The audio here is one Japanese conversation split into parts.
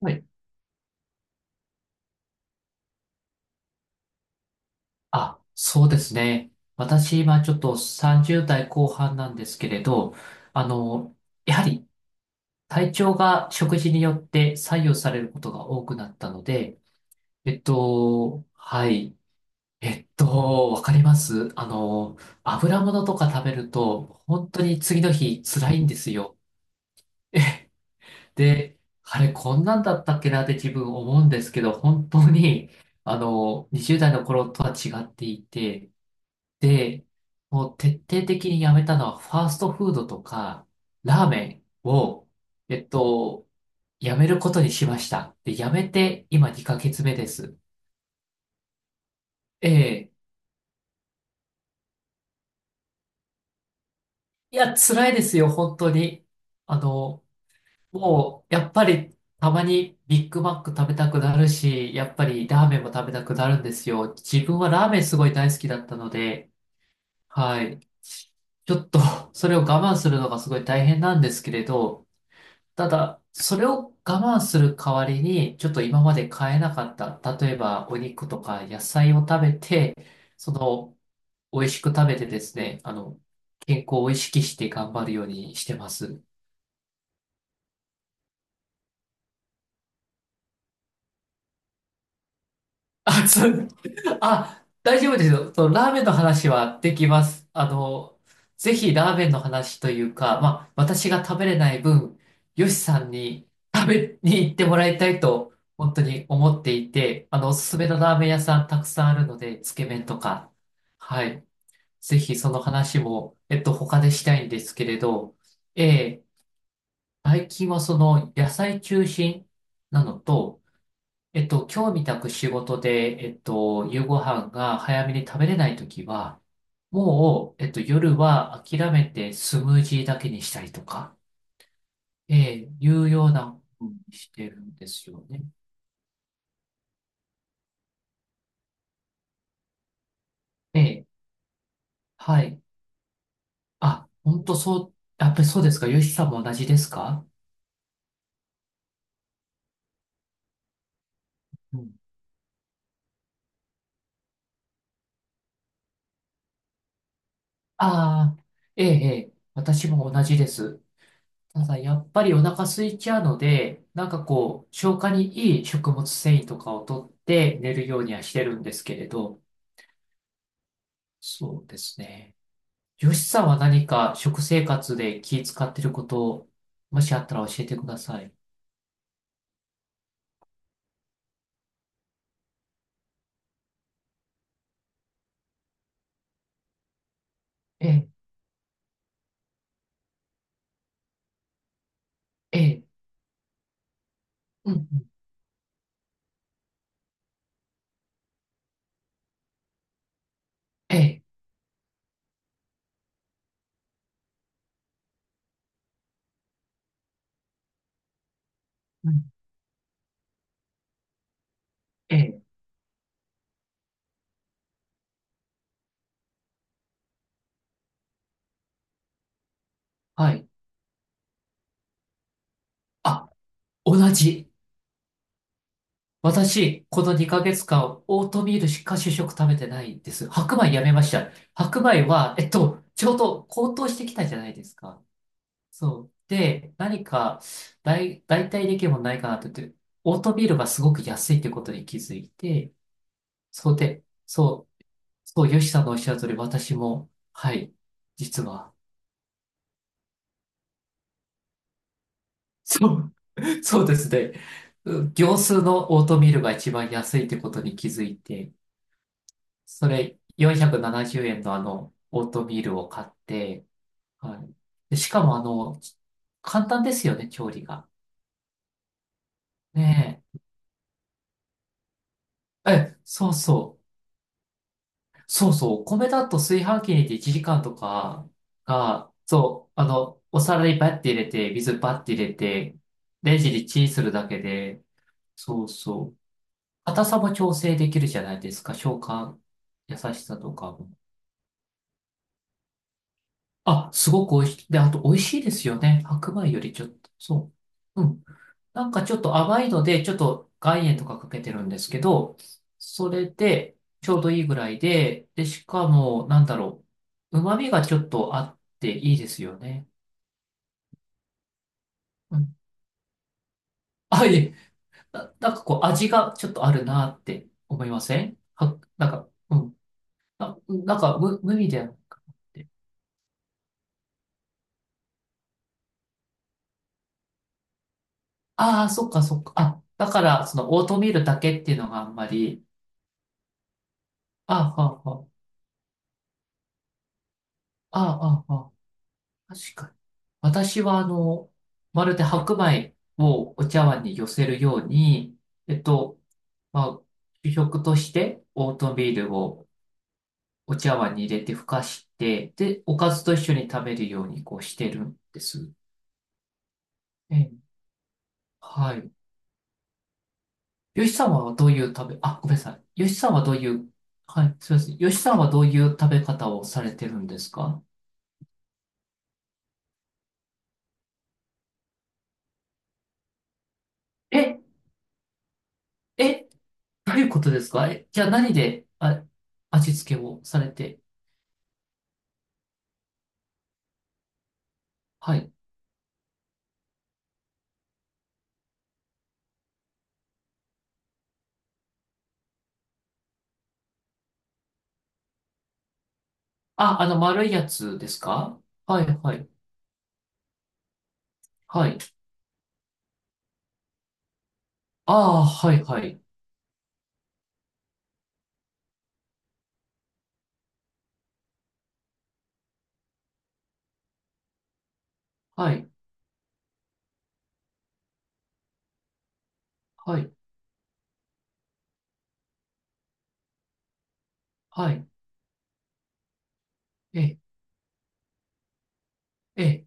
はい。あ、そうですね。私、今ちょっと30代後半なんですけれど、あの、やはり体調が食事によって左右されることが多くなったので、はい。わかります。油物とか食べると、本当に次の日辛いんですよ。で、あれ、こんなんだったっけなって自分思うんですけど、本当に、20代の頃とは違っていて、で、もう徹底的にやめたのは、ファーストフードとか、ラーメンを、えっと、やめることにしました。で、やめて、今2ヶ月目です。ええ。いや、辛いですよ、本当に。あの、もう、やっぱり、たまにビッグマック食べたくなるし、やっぱりラーメンも食べたくなるんですよ。自分はラーメンすごい大好きだったので、はい。ちょっと、それを我慢するのがすごい大変なんですけれど、ただ、それを我慢する代わりに、ちょっと今まで買えなかった、例えばお肉とか野菜を食べて、その、美味しく食べてですね、健康を意識して頑張るようにしてます。あ、そう、あ、大丈夫ですよ。そのラーメンの話はできます。ぜひラーメンの話というか、まあ、私が食べれない分、ヨシさんに食べに行ってもらいたいと、本当に思っていて、おすすめのラーメン屋さんたくさんあるので、つけ麺とか、はい。ぜひその話も、他でしたいんですけれど、えー最近はその野菜中心なのと、今日みたく仕事で、夕ご飯が早めに食べれないときは、もう、夜は諦めてスムージーだけにしたりとか、ええ、いうようなふうにしてるんですよね。ええ、はい。あ、本当そう、やっぱりそうですか。ヨシさんも同じですか？うん。ああ、ええ、ええ、私も同じです。ただ、やっぱりお腹空いちゃうので、なんかこう、消化にいい食物繊維とかを取って寝るようにはしてるんですけれど、そうですね。よしさんは何か食生活で気使ってることを、もしあったら教えてください。ええ、ええ、うん、うんええ、うんええ、はい。あ、同じ。私、この2ヶ月間、オートミールしか主食食べてないです。白米やめました。白米は、ちょうど高騰してきたじゃないですか。そう。で、何か代替できるものないかなって言って、オートミールがすごく安いってことに気づいて、そうで、そう。そう、ヨシさんのおっしゃる通り、私も、はい、実は、そう、そうですね。業スーのオートミールが一番安いってことに気づいて、それ470円のオートミールを買って、はい。でしかも簡単ですよね、調理が。ねえ。え、そうそう。そうそう。お米だと炊飯器に入れて1時間とかが、そう、お皿にバッて入れて、水バッて入れて、レンジでチンするだけで、そうそう。硬さも調整できるじゃないですか。消化、優しさとかも。あ、すごく美味しい。で、あと美味しいですよね。白米よりちょっと、そう。うん。なんかちょっと甘いので、ちょっと岩塩とかかけてるんですけど、それでちょうどいいぐらいで、で、しかも、なんだろう。旨味がちょっとあっていいですよね。うん。あ、いえ、なんかこう味がちょっとあるなって思いませんは、なんか、うん。なんか無味ではなくて。ああ、そっかそっか。あ、だから、そのオートミールだけっていうのがあんまり、ああ、はあはああ、あはあ確かに。私は、まるで白米をお茶碗に寄せるように、えっと、まあ、主食としてオートミールをお茶碗に入れてふかして、で、おかずと一緒に食べるようにこうしてるんです。ええ、はい。よしさんはどういう食べ、あ、ごめんなさい。よしさんはどういう、はい、すみません。よしさんはどういう食べ方をされてるんですか？え、え、どういうことですか？え、じゃあ何で、あ、味付けをされて。はい。あ、あの丸いやつですか？はい、はい、はい。ああ、はい、はい、はい、はい、はい。え、え、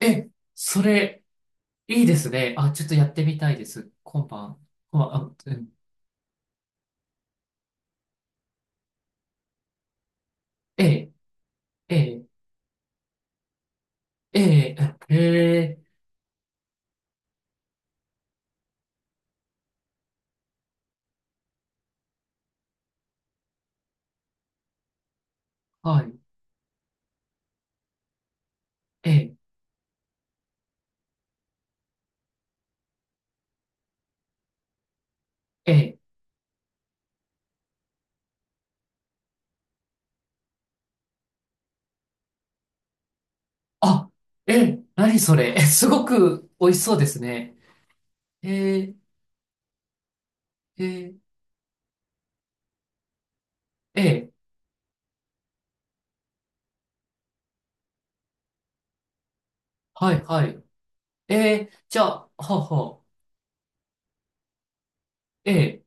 え、それ、いいですね。あ、ちょっとやってみたいです。今晩。今晩あ、うん、え、え、え、え、え、はい、え、え、あ、え、何それ。え、すごく美味しそうですね。えー、えー、えーはい、はい。えー、じゃあ、はあはあ、ええ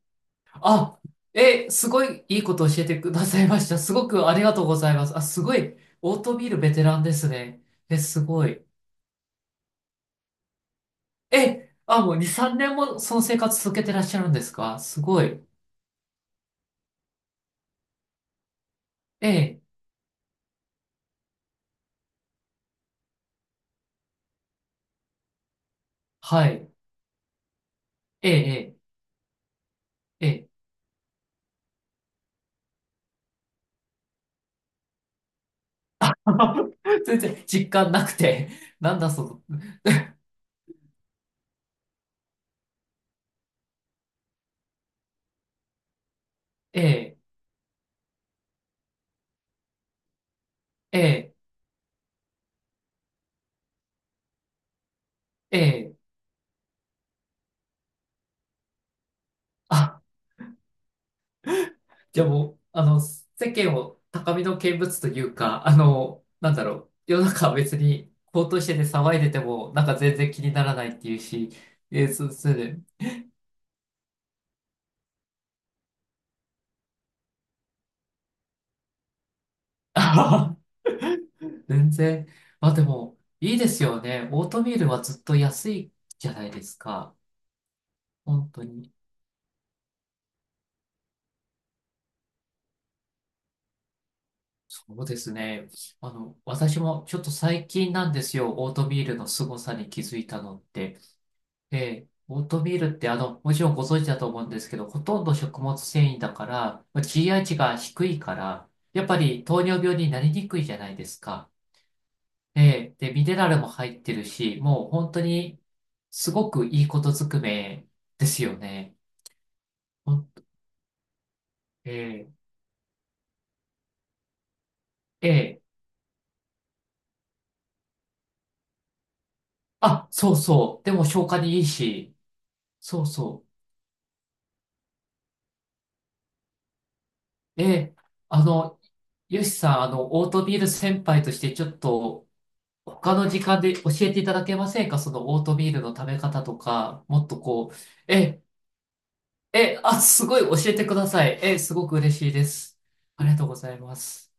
あ、すごいいいことを教えてくださいました。すごくありがとうございます。あ、すごい、オートミールベテランですね。え、すごい。え、あ、もう2、3年もその生活続けてらっしゃるんですか？すごい。ええ、はい。ええええええ 全然実感なくて。なんだその、ええええええあじゃあもう、世間を高みの見物というか、なんだろう、世の中は別に高騰してて騒いでても、なんか全然気にならないっていうし、えー、そうそうね。あはは全然。まあでも、いいですよね。オートミールはずっと安いじゃないですか。本当に。そうですね。私もちょっと最近なんですよ。オートミールの凄さに気づいたのって。ええ、オートミールってもちろんご存知だと思うんですけど、ほとんど食物繊維だから、まあ GI 値が低いから、やっぱり糖尿病になりにくいじゃないですか。ええ、で、ミネラルも入ってるし、もう本当にすごくいいことずくめですよね。ほんええ、ええ、あ、そうそう。でも消化にいいし、そうそう。ええ、あの、よしさん、オートミール先輩としてちょっと、他の時間で教えていただけませんか？そのオートミールの食べ方とか、もっとこう、え、え、あ、すごい教えてください。え、すごく嬉しいです。ありがとうございます。